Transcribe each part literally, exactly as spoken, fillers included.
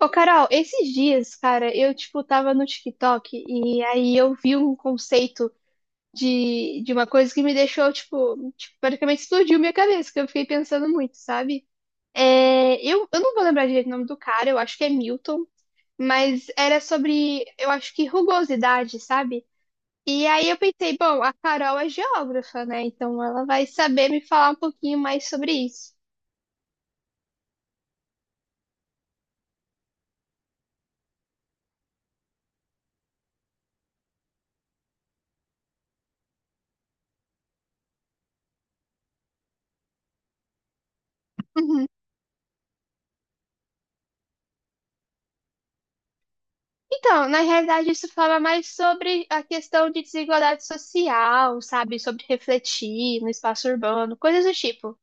Ô, Carol, esses dias, cara, eu, tipo, tava no TikTok e aí eu vi um conceito de, de uma coisa que me deixou, tipo, tipo, praticamente explodiu minha cabeça, que eu fiquei pensando muito, sabe? É, eu, eu não vou lembrar direito o nome do cara, eu acho que é Milton, mas era sobre, eu acho que rugosidade, sabe? E aí eu pensei, bom, a Carol é geógrafa, né? Então ela vai saber me falar um pouquinho mais sobre isso. Então, na realidade, isso fala mais sobre a questão de desigualdade social, sabe? Sobre refletir no espaço urbano, coisas do tipo.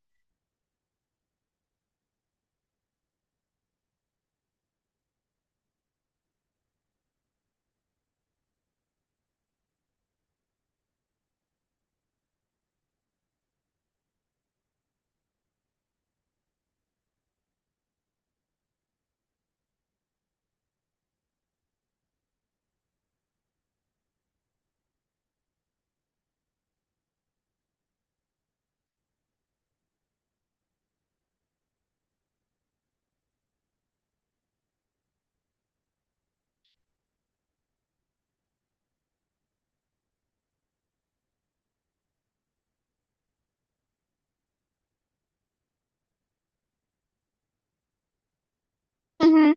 Uhum,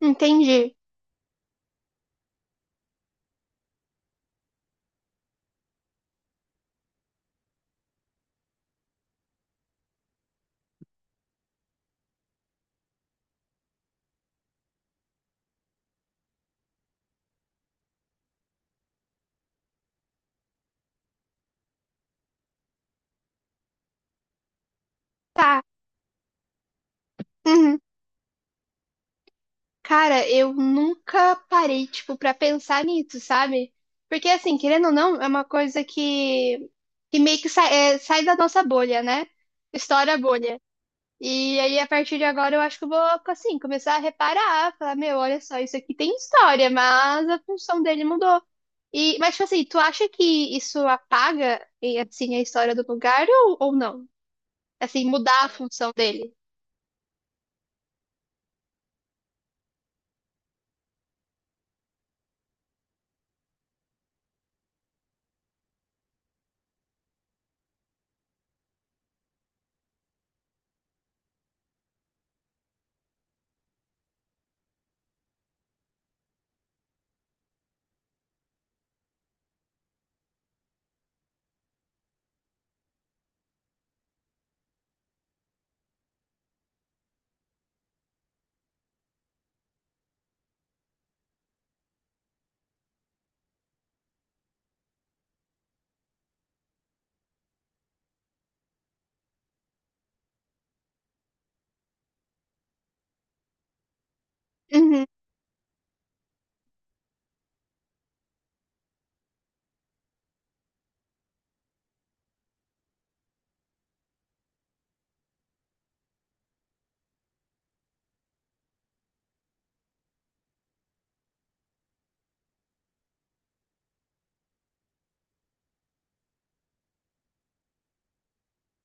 entendi. Tá. Uhum. Cara, eu nunca parei, tipo, pra pensar nisso, sabe? Porque, assim, querendo ou não, é uma coisa que, que meio que sai, é, sai da nossa bolha, né? Estoura a bolha. E aí, a partir de agora, eu acho que eu vou, assim, começar a reparar, falar, meu, olha só, isso aqui tem história, mas a função dele mudou. E, mas, tipo assim, tu acha que isso apaga, e, assim, a história do lugar ou, ou não? Assim, mudar a função dele? Uhum,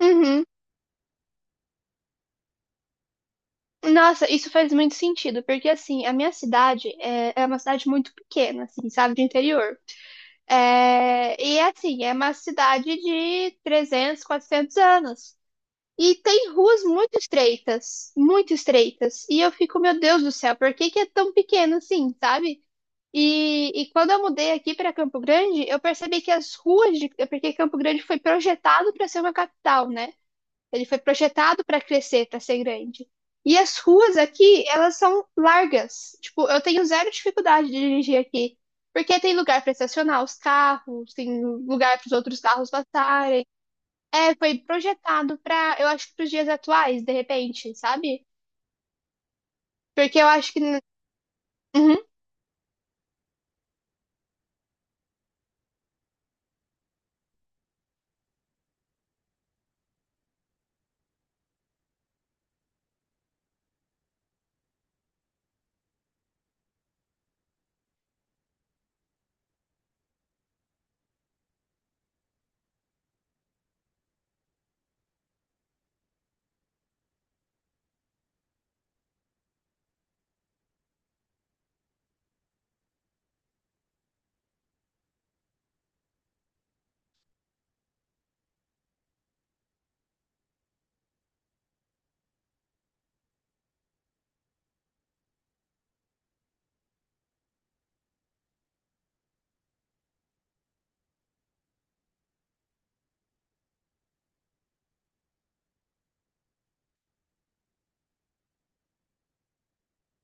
uhum. Nossa, isso faz muito sentido, porque, assim, a minha cidade é, é uma cidade muito pequena, assim, sabe, de interior. É, e, assim, é uma cidade de trezentos quatrocentos anos. E tem ruas muito estreitas, muito estreitas. E eu fico, meu Deus do céu, por que que é tão pequeno assim, sabe? E, e quando eu mudei aqui para Campo Grande, eu percebi que as ruas de, é porque Campo Grande foi projetado para ser uma capital, né? Ele foi projetado para crescer, para ser grande. E as ruas aqui, elas são largas. Tipo, eu tenho zero dificuldade de dirigir aqui, porque tem lugar para estacionar os carros, tem lugar para os outros carros passarem. É, foi projetado pra, eu acho, que pros dias atuais, de repente, sabe? Porque eu acho que. Uhum,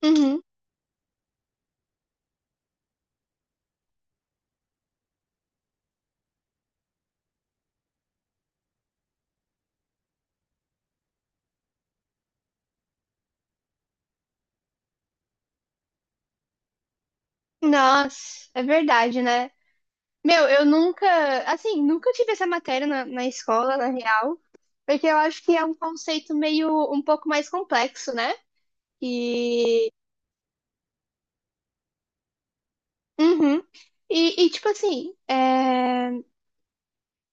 uhum. Nossa, é verdade, né? Meu, eu nunca, assim, nunca tive essa matéria na, na escola, na real, porque eu acho que é um conceito meio, um pouco mais complexo, né? E. Uhum. E, e, tipo assim, é,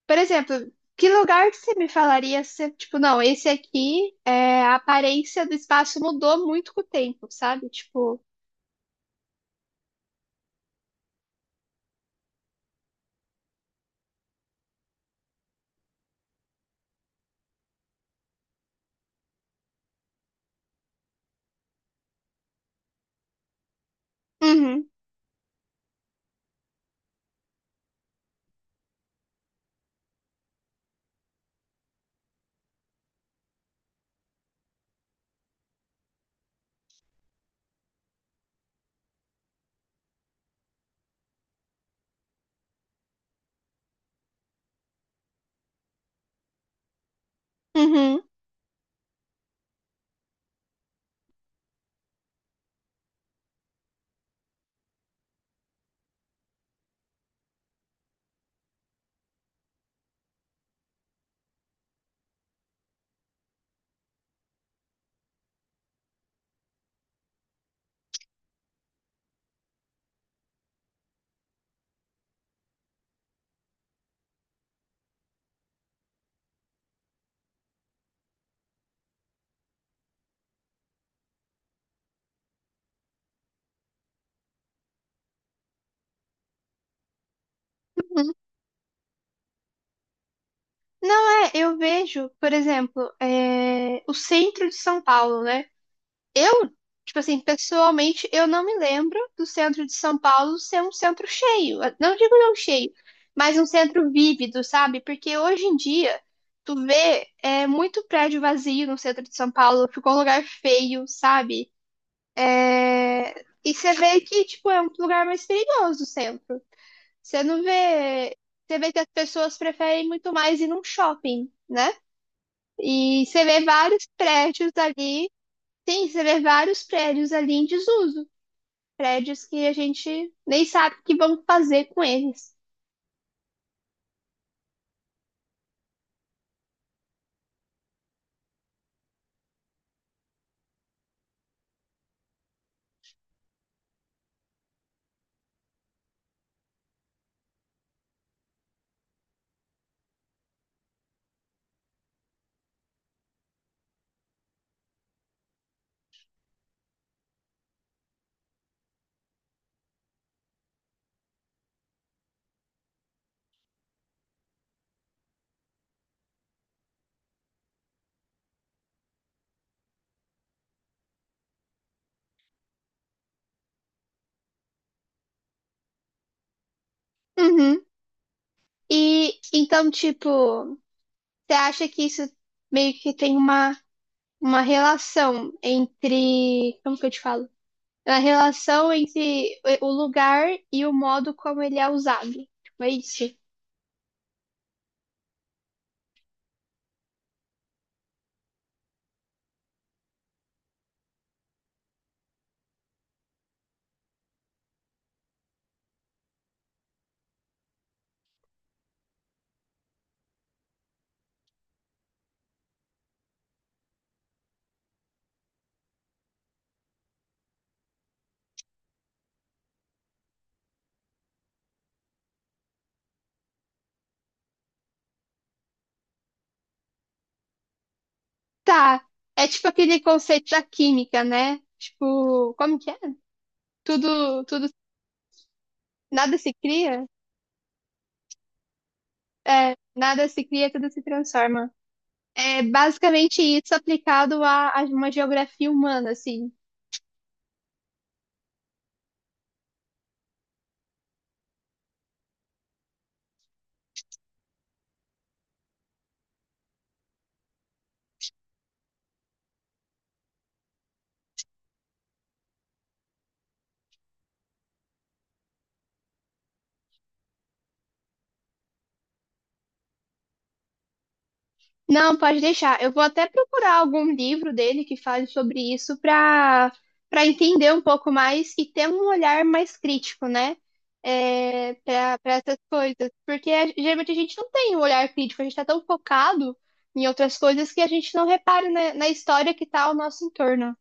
por exemplo, que lugar que você me falaria se, tipo, não, esse aqui, é, a aparência do espaço mudou muito com o tempo, sabe? Tipo. Uhum. Uhum. Não é, eu vejo, por exemplo, é, o centro de São Paulo, né? Eu, tipo assim, pessoalmente, eu não me lembro do centro de São Paulo ser um centro cheio. Não digo não cheio, mas um centro vívido, sabe? Porque hoje em dia, tu vê é, muito prédio vazio no centro de São Paulo, ficou um lugar feio, sabe? É, e você vê que, tipo, é um lugar mais perigoso o centro. Você não vê. Você vê que as pessoas preferem muito mais ir num shopping, né? E você vê vários prédios ali. Sim, você vê vários prédios ali em desuso. Prédios que a gente nem sabe o que vão fazer com eles. Uhum. E então, tipo, você acha que isso meio que tem uma, uma relação entre. Como que eu te falo? Uma relação entre o o lugar e o modo como ele é usado. Tipo, é isso? Tá. É tipo aquele conceito da química, né? Tipo, como que é? Tudo, tudo nada se cria? É, nada se cria, tudo se transforma. É basicamente isso aplicado a, a uma geografia humana, assim. Não, pode deixar. Eu vou até procurar algum livro dele que fale sobre isso para para entender um pouco mais e ter um olhar mais crítico, né? É, para para essas coisas. Porque a- geralmente a gente não tem um olhar crítico, a gente está tão focado em outras coisas que a gente não repara na, na história que está ao nosso entorno.